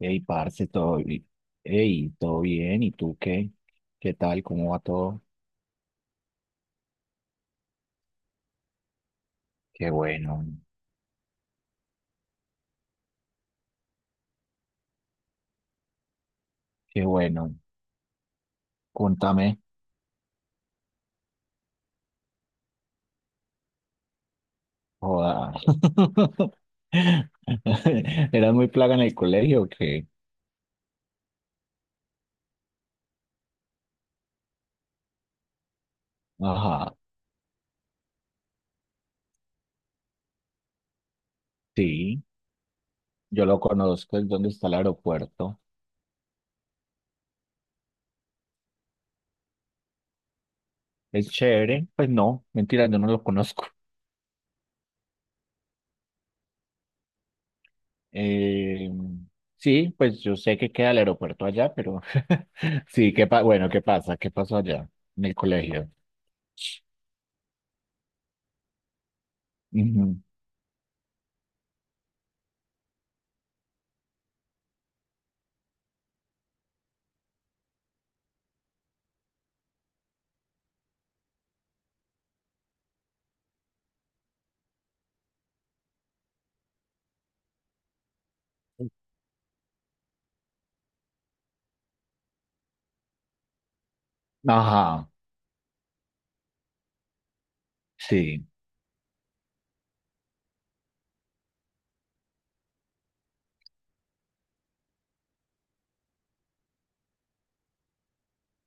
Hey, parce, todo bien, ¿y tú qué? ¿Qué tal? ¿Cómo va todo? Qué bueno, qué bueno. Contame, joda. ¿Eras muy plaga en el colegio o qué? Ajá, sí, yo lo conozco, es donde está el aeropuerto. Es chévere, pues no, mentira, yo no lo conozco. Eh, sí, pues yo sé que queda el aeropuerto allá, pero sí, bueno, ¿qué pasa? ¿Qué pasó allá en el colegio? Ajá, sí.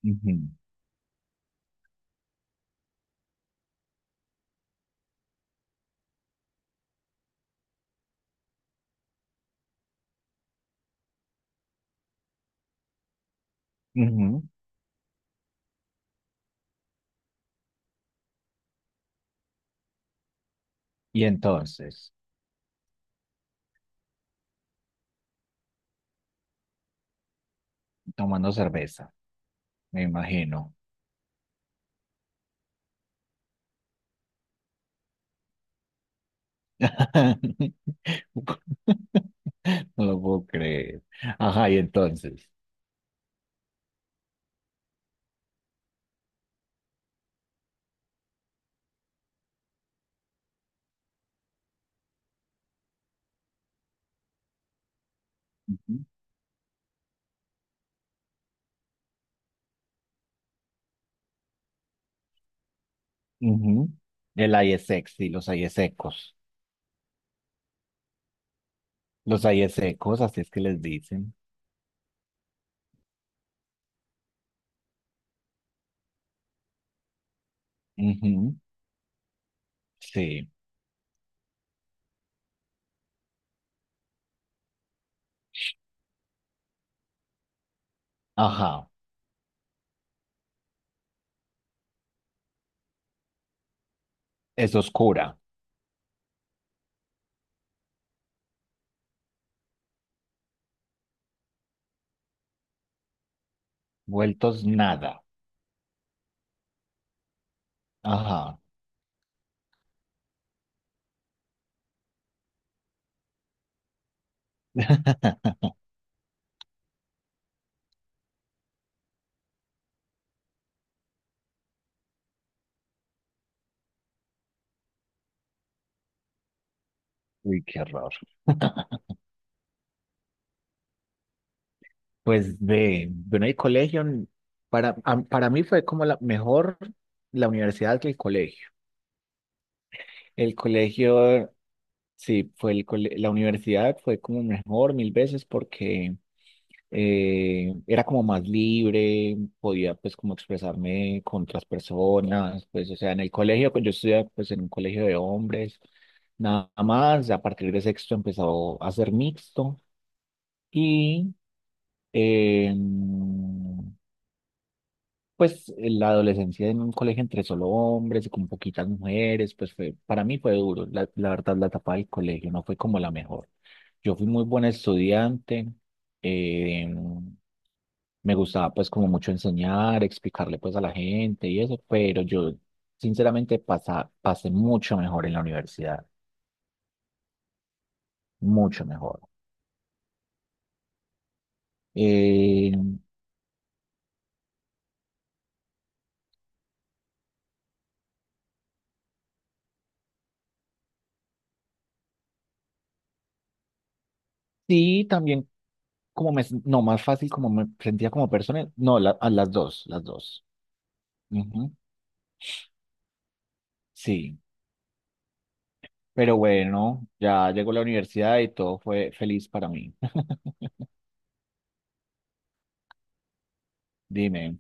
Ujú, ujú. Y entonces, tomando cerveza, me imagino. No lo puedo creer. Ajá, y entonces. Ujú, ujú. El aire sexy, los aires secos. Los aires secos, así es que les dicen. Ujú. Sí. Ajá. Es oscura. Vueltos nada. Ajá. Uy, qué horror. Pues bueno, el colegio, para mí fue como la mejor la universidad que el colegio. El colegio, sí, fue la universidad fue como mejor mil veces porque era como más libre, podía pues como expresarme con otras personas, pues o sea, en el colegio, pues yo estudiaba pues en un colegio de hombres, nada más, a partir de sexto empezó a ser mixto y... Eh, la adolescencia en un colegio entre solo hombres y con poquitas mujeres, para mí fue duro. La verdad, la etapa del colegio no fue como la mejor. Yo fui muy buena estudiante, eh, me gustaba pues como mucho enseñar, explicarle pues a la gente y eso, pero yo sinceramente pasé mucho mejor en la universidad, mucho mejor. Eh, sí, también como me, no, más fácil como me sentía como persona, no, a las dos, las dos. Ujú. Sí. Pero bueno, ya llegó la universidad y todo fue feliz para mí. Dime,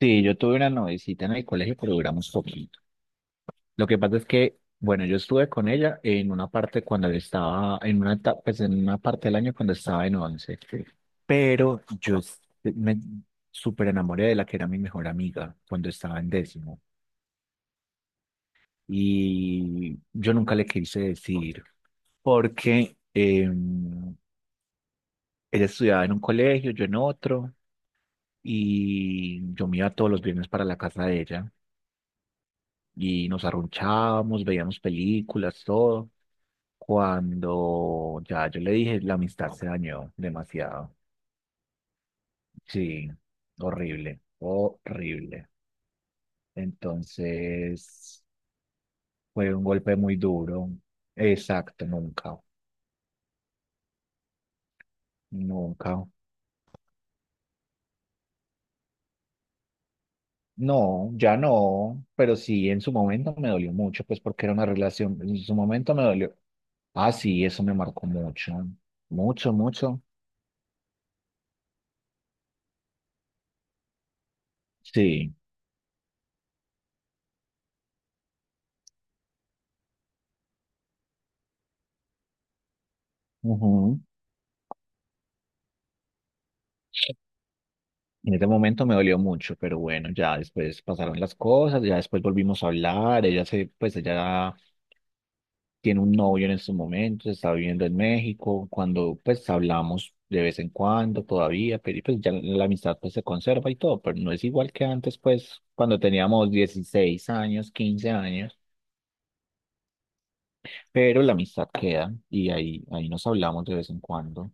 sí, yo tuve una noviecita en el colegio, pero duramos poquito. Lo que pasa es que, bueno, yo estuve con ella en una parte cuando yo estaba, en una etapa, pues en una parte del año cuando estaba en once. Pero yo s- me súper enamoré de la que era mi mejor amiga cuando estaba en décimo. Y yo nunca le quise decir porque ella estudiaba en un colegio, yo en otro. Y yo me iba todos los viernes para la casa de ella y nos arrunchábamos, veíamos películas, todo. Cuando ya yo le dije, la amistad se dañó demasiado. Sí, horrible, horrible. Entonces, fue un golpe muy duro. Exacto, nunca, nunca. No, ya no, pero sí, en su momento me dolió mucho, pues porque era una relación, en su momento me dolió. Ah, sí, eso me marcó mucho, mucho, mucho. Sí, ujú. En ese momento me dolió mucho, pero bueno, ya después pasaron las cosas, ya después volvimos a hablar, pues ella tiene un novio en estos momentos, está viviendo en México, cuando pues hablamos de vez en cuando todavía, pero y, pues ya la amistad pues se conserva y todo, pero no es igual que antes pues cuando teníamos 16 años, 15 años, pero la amistad queda y ahí nos hablamos de vez en cuando.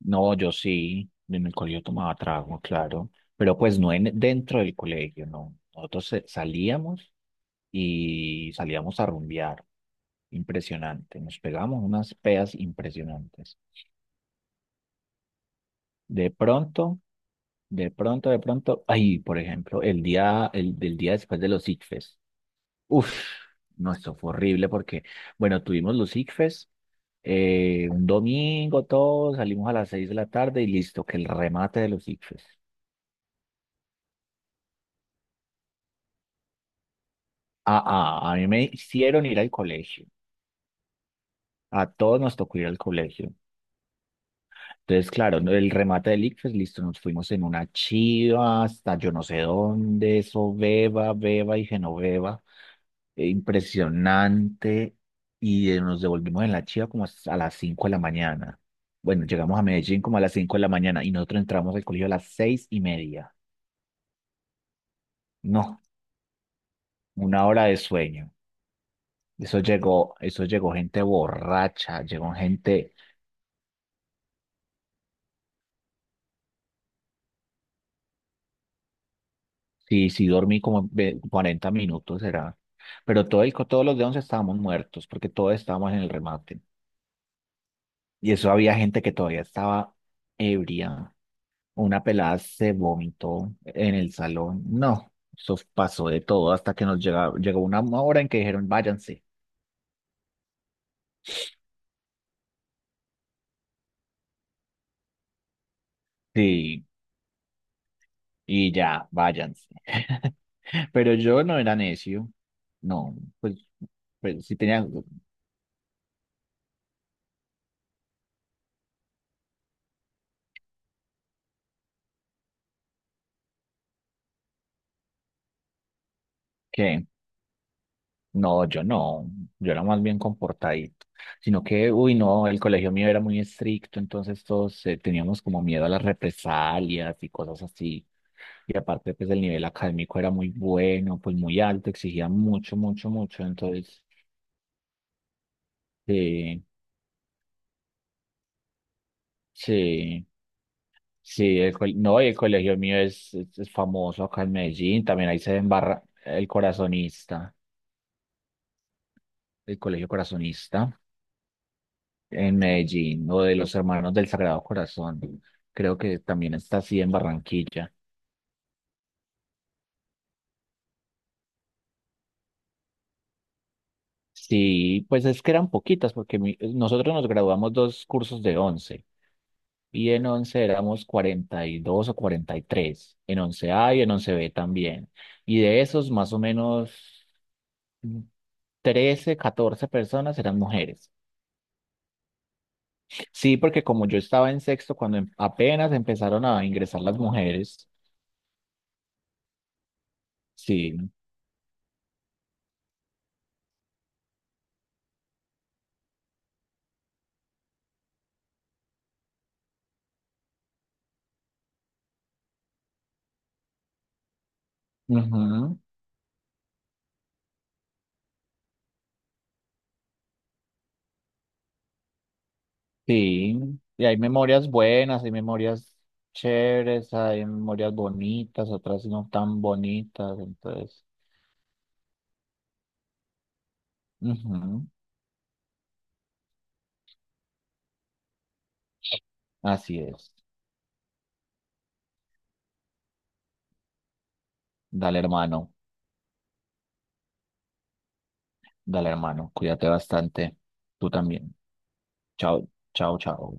No, yo sí, en el colegio tomaba trago, claro, pero pues no dentro del colegio, no. Nosotros salíamos a rumbear, impresionante, nos pegamos unas peas impresionantes. De pronto, de pronto, ay, por ejemplo, el del día después de los ICFES, uff, no, esto fue horrible porque, bueno, tuvimos los ICFES, un domingo todos, salimos a las 6 de la tarde y listo, que el remate de los ICFES. Ah, ah, a mí me hicieron ir al colegio. A todos nos tocó ir al colegio. Entonces, claro, el remate del ICFES, listo, nos fuimos en una chiva hasta yo no sé dónde, eso, Beba, Beba y Genoveva. Impresionante. Y nos devolvimos en la chiva como a las 5 de la mañana. Bueno, llegamos a Medellín como a las 5 de la mañana y nosotros entramos al colegio a las 6:30. No, una hora de sueño. Eso llegó gente borracha, llegó gente. Sí, sí, dormí como 40 minutos, era. Pero todos los de 11 estábamos muertos, porque todos estábamos en el remate. Y eso había gente que todavía estaba ebria. Una pelada se vomitó en el salón. No, eso pasó de todo hasta que nos llegó una hora en que dijeron, váyanse. Sí, y ya, váyanse. Pero yo no era necio. No, pues sí tenía, ¿qué? No, yo no, yo era más bien comportadito, sino que, uy, no, el colegio mío era muy estricto, entonces todos teníamos como miedo a las represalias y cosas así. Y aparte, pues el nivel académico era muy bueno, pues muy alto, exigía mucho, mucho, mucho. Entonces, sí, sí, sí, no, y el colegio mío es, es famoso acá en Medellín, también ahí se embarra el colegio corazonista. En Medellín o de los Hermanos del Sagrado Corazón. Creo que también está así en Barranquilla. Sí, pues es que eran poquitas porque nosotros nos graduamos dos cursos de once y en 11 éramos 42 o 43. En once a y en once b también. Y de esos más o menos 13, 14 personas eran mujeres. Sí, porque como yo estaba en sexto cuando apenas empezaron a ingresar las mujeres, sí. Ujú. Sí, y hay memorias buenas, hay memorias chéveres, hay memorias bonitas, otras no tan bonitas, entonces, ujú, así es. Dale hermano, dale hermano, cuídate bastante, tú también. Chao, chao, chao.